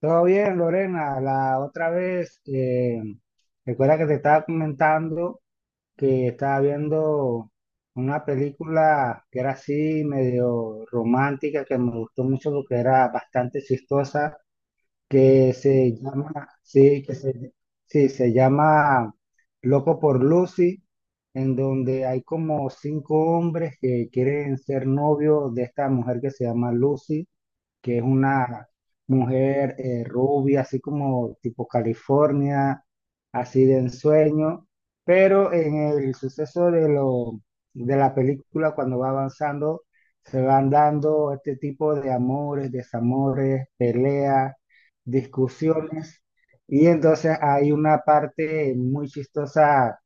Todo bien, Lorena. La otra vez, recuerda que te estaba comentando que estaba viendo una película que era así medio romántica, que me gustó mucho porque era bastante chistosa, que se llama, sí, sí, se llama Loco por Lucy, en donde hay como cinco hombres que quieren ser novios de esta mujer que se llama Lucy, que es una mujer rubia, así como tipo California, así de ensueño, pero en el suceso de la película, cuando va avanzando, se van dando este tipo de amores, desamores, peleas, discusiones. Y entonces hay una parte muy chistosa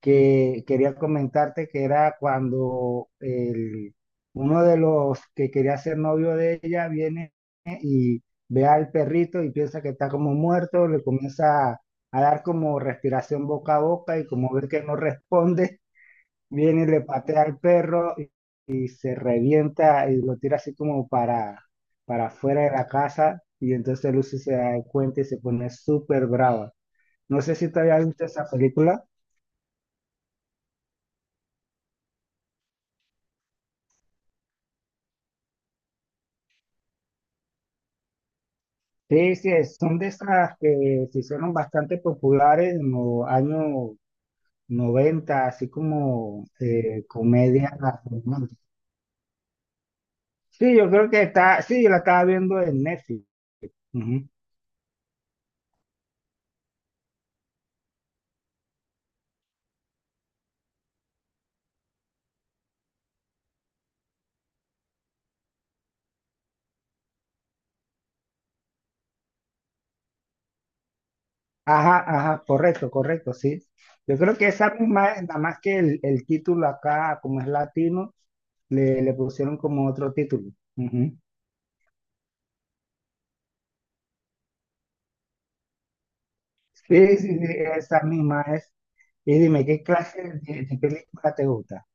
que quería comentarte, que era cuando uno de los que quería ser novio de ella viene y ve al perrito y piensa que está como muerto, le comienza a dar como respiración boca a boca, y como ve que no responde, viene y le patea al perro y se revienta y lo tira así como para afuera de la casa. Y entonces Lucy se da cuenta y se pone súper brava. No sé si te había visto esa película. Sí, sí, son de esas que se hicieron bastante populares en los años 90, así como comedias románticas. Sí, yo creo que está, sí, yo la estaba viendo en Netflix. Ujú. Ajá, ajá, correcto, correcto, sí. Yo creo que esa misma es, nada más que el título acá, como es latino, le pusieron como otro título. Ujú. Sí, sí, sí, esa misma es. Y dime, ¿qué clase de película te gusta?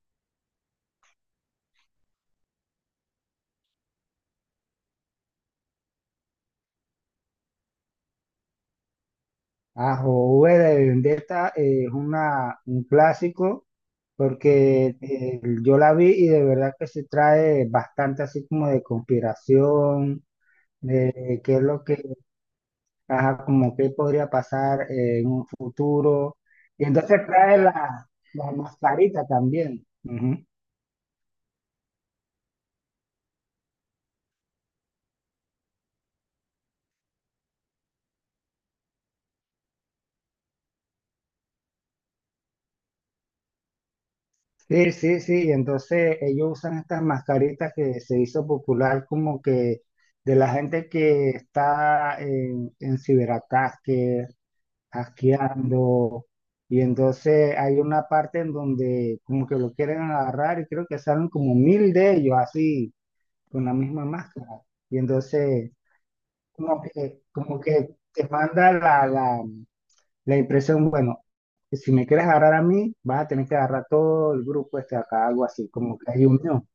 Ah, O V de Vendetta, es un clásico, porque yo la vi y de verdad que se trae bastante así como de conspiración, de qué es lo que, ajá, como qué podría pasar en un futuro. Y entonces trae la mascarita también. Ujú. Sí, sí, sí. Entonces ellos usan estas mascaritas, que se hizo popular como que de la gente que está en ciberataques asqueando. Y entonces hay una parte en donde como que lo quieren agarrar, y creo que salen como mil de ellos así, con la misma máscara. Y entonces como que te manda la impresión, bueno, si me quieres agarrar a mí, vas a tener que agarrar todo el grupo este acá, algo así, como que hay unión.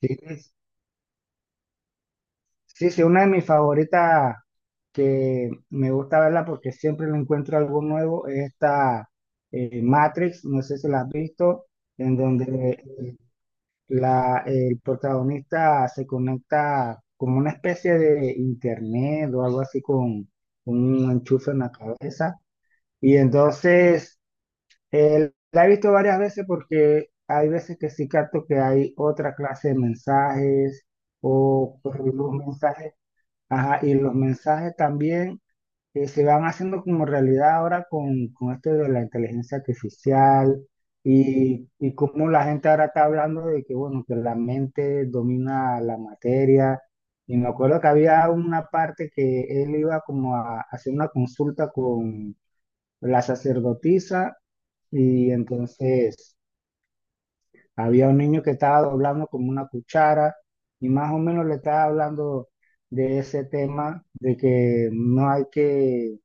¿Sí? Sí, sí, una de mis favoritas, que me gusta verla porque siempre le encuentro algo nuevo, es esta Matrix, no sé si la has visto, en donde el protagonista se conecta como una especie de internet o algo así con un enchufe en la cabeza. Y entonces la he visto varias veces porque hay veces que sí capto que hay otra clase de mensajes o pues, los mensajes, ajá, y los mensajes también se van haciendo como realidad ahora con esto de la inteligencia artificial, y cómo la gente ahora está hablando de que, bueno, que la mente domina la materia. Y me acuerdo que había una parte que él iba como a hacer una consulta con la sacerdotisa, y entonces había un niño que estaba doblando como una cuchara y más o menos le estaba hablando de ese tema, de que no hay que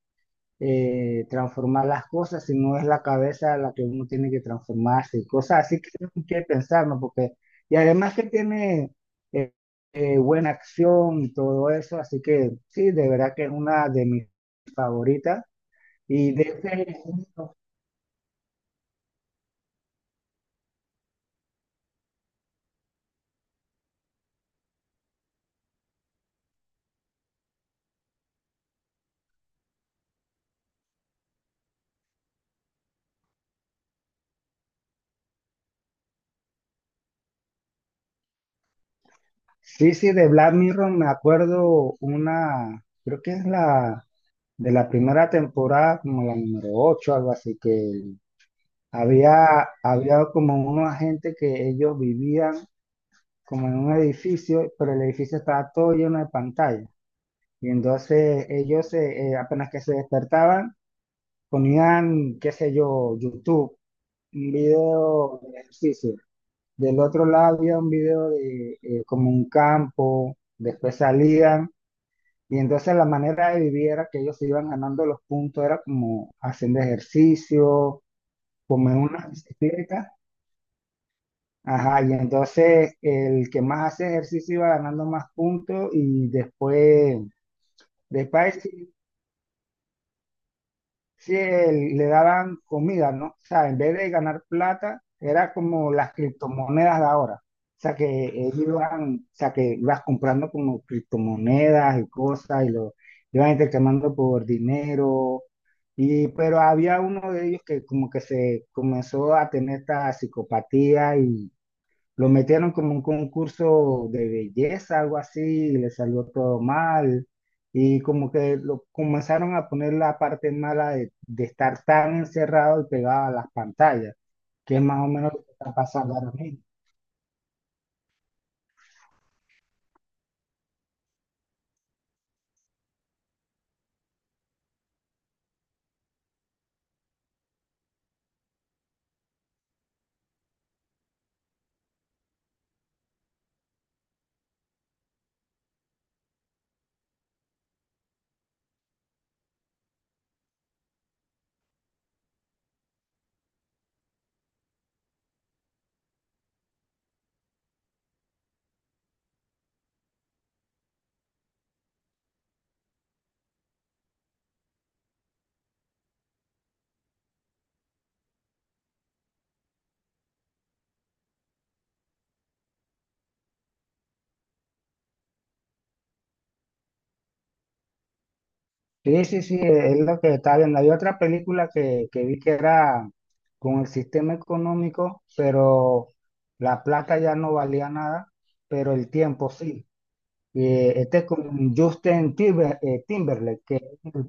transformar las cosas, sino es la cabeza la que uno tiene que transformarse, y cosas así que hay que pensar, ¿no? Porque, y además que tiene eh, buena acción y todo eso, así que sí, de verdad que es una de mis favoritas. Y de ese, sí, sí, de Black Mirror me acuerdo una, creo que es de la primera temporada, como la número 8 algo así, que había como unos agentes que ellos vivían como en un edificio, pero el edificio estaba todo lleno de pantallas. Y entonces ellos apenas que se despertaban, ponían, qué sé yo, YouTube, un video de ejercicio. Del otro lado había un video de como un campo, después salían. Y entonces la manera de vivir era que ellos se iban ganando los puntos, era como haciendo ejercicio, comer una bicicleta. Ajá, y entonces el que más hace ejercicio iba ganando más puntos y después, después sí, sí, le daban comida, ¿no? O sea, en vez de ganar plata, era como las criptomonedas de ahora. O sea, que ellos iban, o sea, que ibas comprando como criptomonedas y cosas y lo iban intercambiando por dinero. Y pero había uno de ellos que como que se comenzó a tener esta psicopatía y lo metieron como un concurso de belleza, algo así, y le salió todo mal. Y como que lo comenzaron a poner la parte mala de estar tan encerrado y pegado a las pantallas, que es más o menos lo que está pasando ahora mismo. Sí, sí, sí, es lo que está viendo. Hay otra película que vi que era con el sistema económico, pero la plata ya no valía nada, pero el tiempo sí. Este es con Justin Timberlake, que es.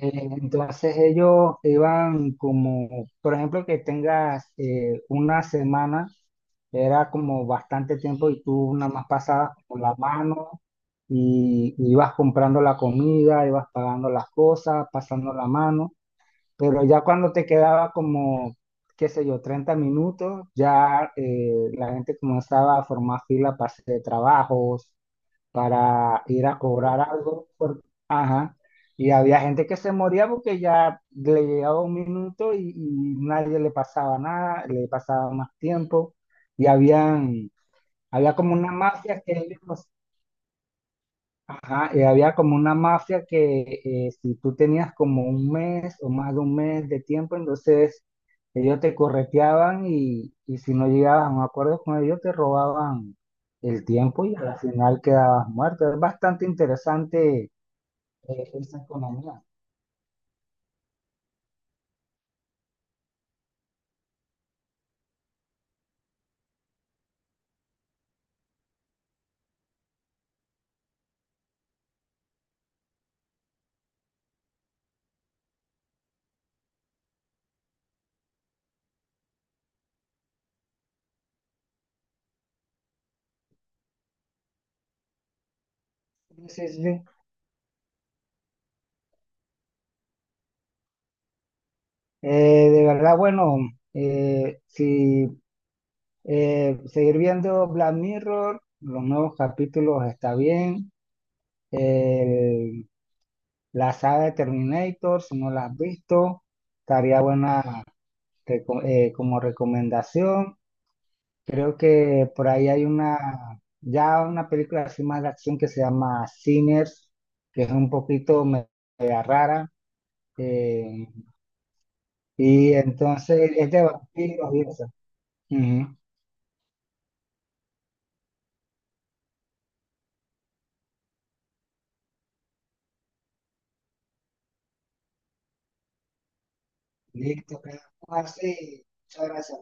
Eh, Entonces ellos iban como, por ejemplo, que tengas una semana, era como bastante tiempo, y tú nada más pasabas con la mano y ibas comprando la comida, ibas pagando las cosas, pasando la mano, pero ya cuando te quedaba como, qué sé yo, 30 minutos, ya la gente comenzaba a formar fila para hacer trabajos, para ir a cobrar algo. Ajá. Y había gente que se moría porque ya le llegaba un minuto, y nadie le pasaba nada, le pasaba más tiempo. Y habían, había como una mafia que ellos, ajá, y había como una mafia que si tú tenías como un mes o más de un mes de tiempo, entonces ellos te correteaban, y si no llegabas a un acuerdo con ellos, te robaban el tiempo y al final quedabas muerto. Es bastante interesante esa economía. Sí, sí, sí. Sí. Eh, de verdad, bueno, si seguir viendo Black Mirror, los nuevos capítulos está bien. El La saga de Terminator, si no la has visto, estaría buena como recomendación. Creo que por ahí hay ya una película así más de acción que se llama Sinners, que es un poquito media rara. eh, y entonces es de vampiros y eso. Ujú. Listo, quedamos así. Muchas gracias.